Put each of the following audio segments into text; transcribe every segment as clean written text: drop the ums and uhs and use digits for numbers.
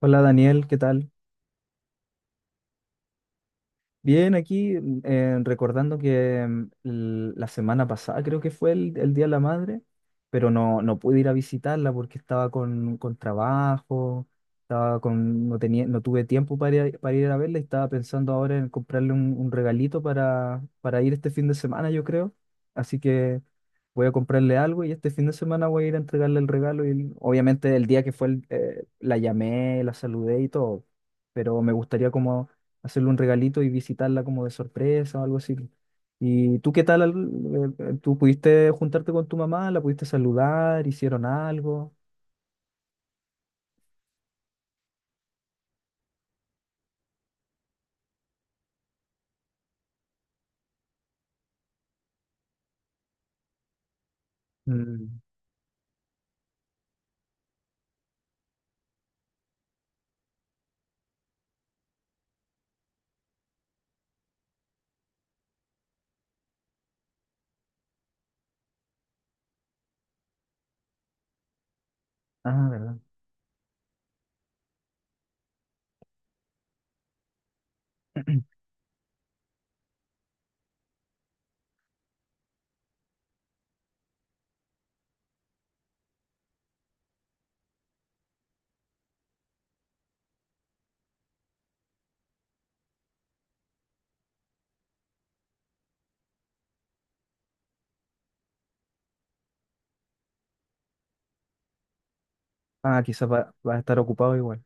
Hola Daniel, ¿qué tal? Bien, aquí recordando que la semana pasada creo que fue el Día de la Madre, pero no, no pude ir a visitarla porque estaba con trabajo, estaba con, no tenía, no tuve tiempo para ir a verla y estaba pensando ahora en comprarle un regalito para ir este fin de semana, yo creo. Así que voy a comprarle algo y este fin de semana voy a ir a entregarle el regalo. Y obviamente el día que fue, la llamé, la saludé y todo, pero me gustaría como hacerle un regalito y visitarla como de sorpresa o algo así. ¿Y tú qué tal? ¿Tú pudiste juntarte con tu mamá? ¿La pudiste saludar? ¿Hicieron algo? Mm. Ah, ¿verdad? Ah, quizás va a estar ocupado igual.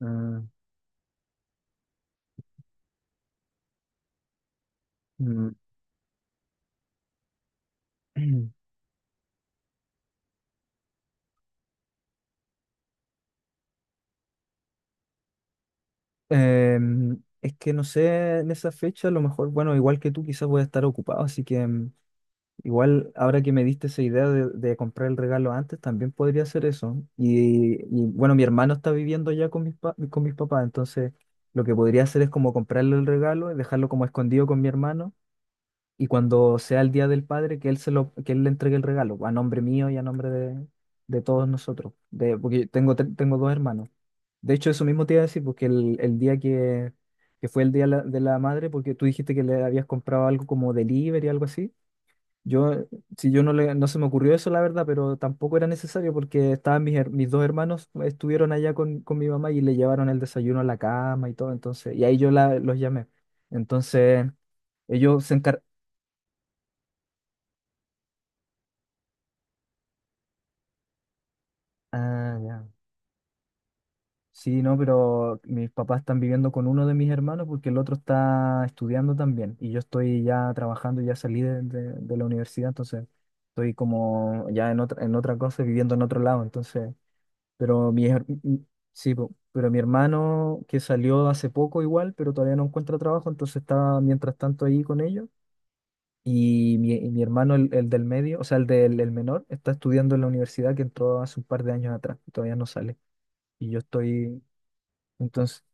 Ah, mm. Es que no sé, en esa fecha, a lo mejor, bueno, igual que tú, quizás voy a estar ocupado, así que... Igual, ahora que me diste esa idea de comprar el regalo antes, también podría hacer eso. Bueno, mi hermano está viviendo ya con con mis papás, entonces lo que podría hacer es como comprarle el regalo y dejarlo como escondido con mi hermano. Y cuando sea el día del padre, que él se lo, que él le entregue el regalo, a nombre mío y a nombre de todos nosotros. De, porque tengo dos hermanos. De hecho, eso mismo te iba a decir, porque el día que fue el día de la madre, porque tú dijiste que le habías comprado algo como delivery, algo así. Yo, si yo no le, no se me ocurrió eso, la verdad, pero tampoco era necesario porque estaban mis dos hermanos, estuvieron allá con mi mamá y le llevaron el desayuno a la cama y todo, entonces, y ahí yo la, los llamé. Entonces, ellos se encar... Ah, ya. Sí, no, pero mis papás están viviendo con uno de mis hermanos porque el otro está estudiando también y yo estoy ya trabajando, ya salí de la universidad, entonces estoy como ya en otra cosa, viviendo en otro lado, entonces... Pero sí, pero mi hermano que salió hace poco igual, pero todavía no encuentra trabajo, entonces está mientras tanto ahí con ellos. Y mi hermano, el del medio, o sea, el del el menor, está estudiando en la universidad que entró hace un par de años atrás, y todavía no sale. Y yo estoy, entonces,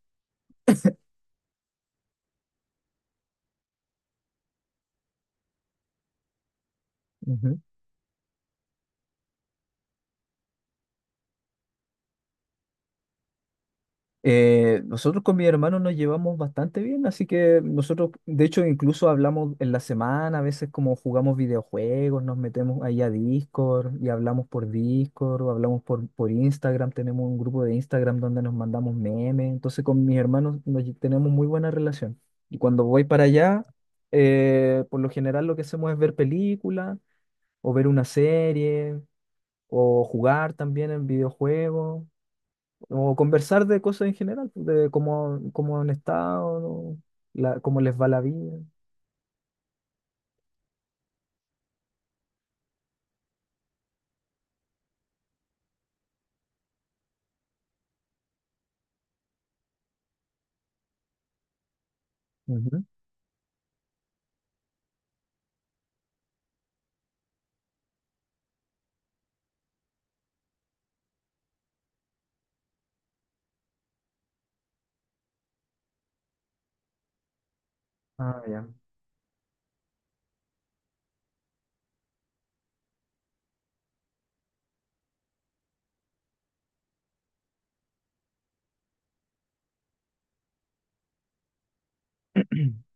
Nosotros con mi hermano nos llevamos bastante bien, así que nosotros, de hecho, incluso hablamos en la semana, a veces como jugamos videojuegos, nos metemos ahí a Discord y hablamos por Discord o hablamos por Instagram, tenemos un grupo de Instagram donde nos mandamos memes, entonces con mis hermanos tenemos muy buena relación. Y cuando voy para allá, por lo general lo que hacemos es ver películas o ver una serie o jugar también en videojuegos. O conversar de cosas en general, pues, de cómo, cómo han estado, ¿no? La- cómo les va la vida. Ujú. Ah, ya.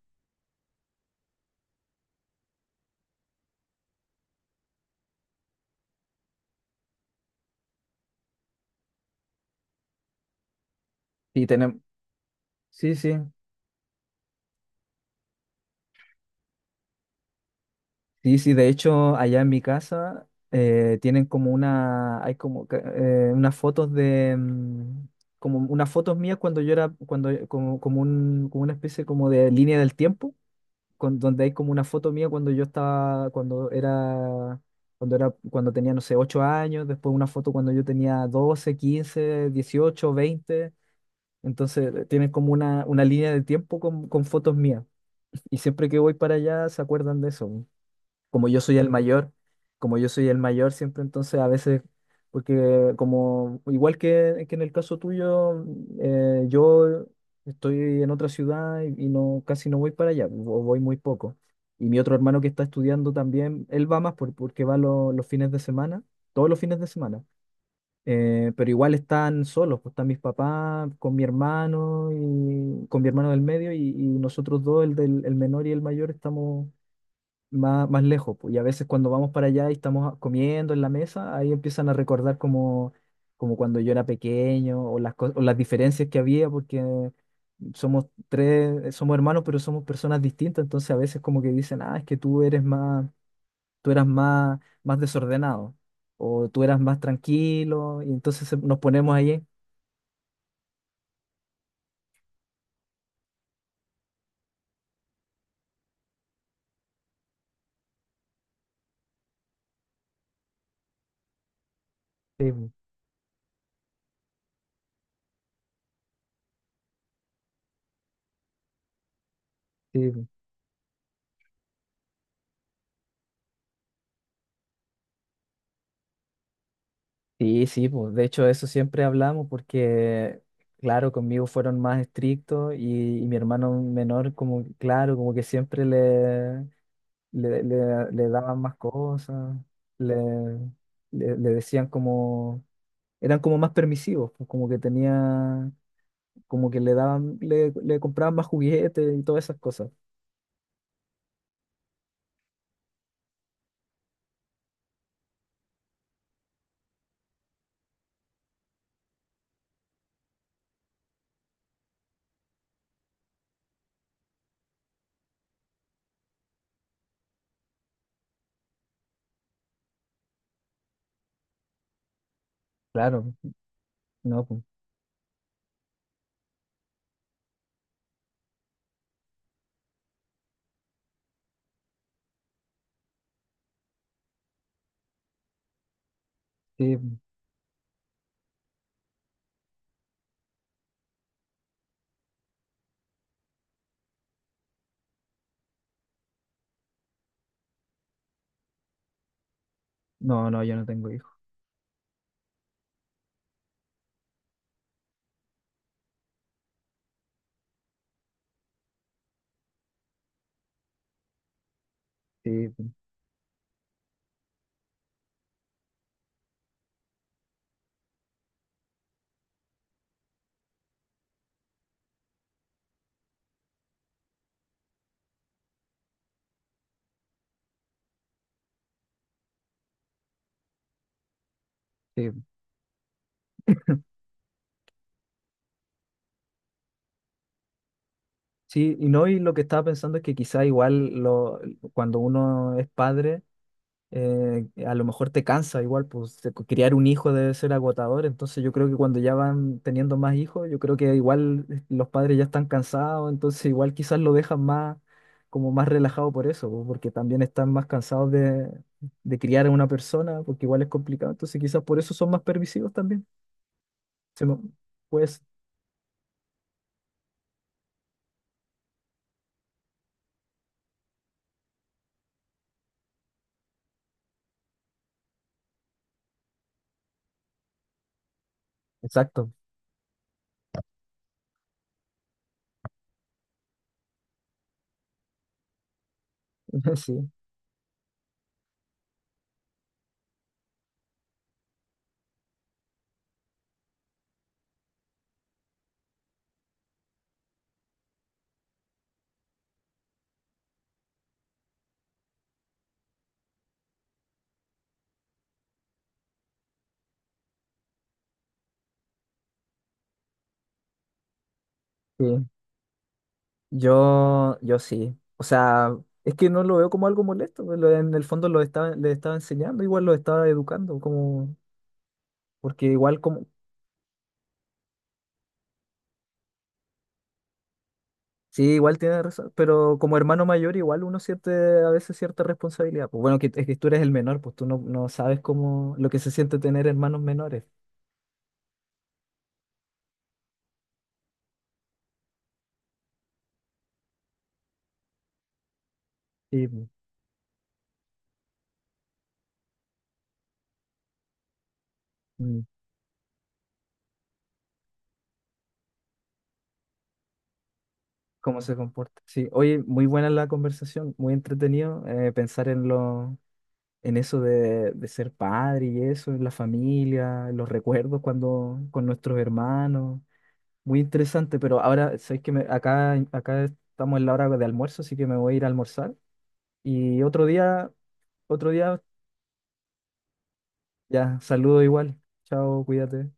Y tenemos. Sí, sí. Sí, sí. De hecho, allá en mi casa tienen como una. Hay como que, unas fotos de. Como unas fotos mías cuando yo era. Cuando, como, como, un, como una especie como de línea del tiempo. Con, donde hay como una foto mía cuando yo estaba, cuando era, cuando era, cuando tenía, no sé, 8 años, después una foto cuando yo tenía 12 15 18 20. Entonces tienen como una línea de tiempo con fotos mías. Y siempre que voy para allá se acuerdan de eso como yo soy el mayor, como yo soy el mayor siempre, entonces a veces, porque como igual que en el caso tuyo, yo estoy en otra ciudad y no casi no voy para allá, o voy muy poco. Y mi otro hermano que está estudiando también, él va más por- porque va lo- los fines de semana, todos los fines de semana. Pero igual están solos, pues están mis papás con mi hermano y con mi hermano del medio y nosotros dos, el del el menor y el mayor, estamos más, más lejos, pues, y a veces cuando vamos para allá y estamos a- comiendo en la mesa, ahí empiezan a recordar como, como cuando yo era pequeño o las, co- o las diferencias que había, porque somos tres, somos hermanos, pero somos personas distintas, entonces a veces como que dicen, ah, es que tú eres más, tú eras más, más desordenado, o tú eras más tranquilo, y entonces se- nos ponemos ahí. Sí, pues, sí, pues. Sí, sí, pues de hecho eso siempre hablamos porque, claro, conmigo fueron más estrictos y mi hermano menor como, claro, como que siempre le daban más cosas, le, le decían como, eran como más permisivos, pues, como que tenía, como que le daban, le compraban más juguetes y todas esas cosas. Claro, no, pues, sí, no, no, yo no tengo hijos. Sí, sí. Sí, y no, y lo que estaba pensando es que quizá igual lo, cuando uno es padre, a lo mejor te cansa igual, pues te- criar un hijo debe ser agotador, entonces yo creo que cuando ya van teniendo más hijos, yo creo que igual los padres ya están cansados, entonces igual quizás lo dejan más, como más relajado por eso, pues, porque también están más cansados de criar a una persona, porque igual es complicado, entonces quizás por eso son más permisivos también. Se me- pues, exacto, sí. Sí. Yo sí. O sea, es que no lo veo como algo molesto. Pues, en el fondo le estaba enseñando, igual lo estaba educando, como, porque igual como, sí, igual tiene razón, pero como hermano mayor igual uno siente a veces cierta responsabilidad. Pues bueno, que, es que tú eres el menor, pues tú no, no sabes cómo, lo que se siente tener hermanos menores y mm, cómo se comporta. Sí, oye, muy buena la conversación, muy entretenido pensar en los en eso de ser padre y eso, en la familia, en los recuerdos cuando con nuestros hermanos. Muy interesante, pero ahora sabes que acá, acá estamos en la hora de almuerzo, así que me voy a ir a almorzar. Y otro día, ya, saludo igual. Chao, cuídate.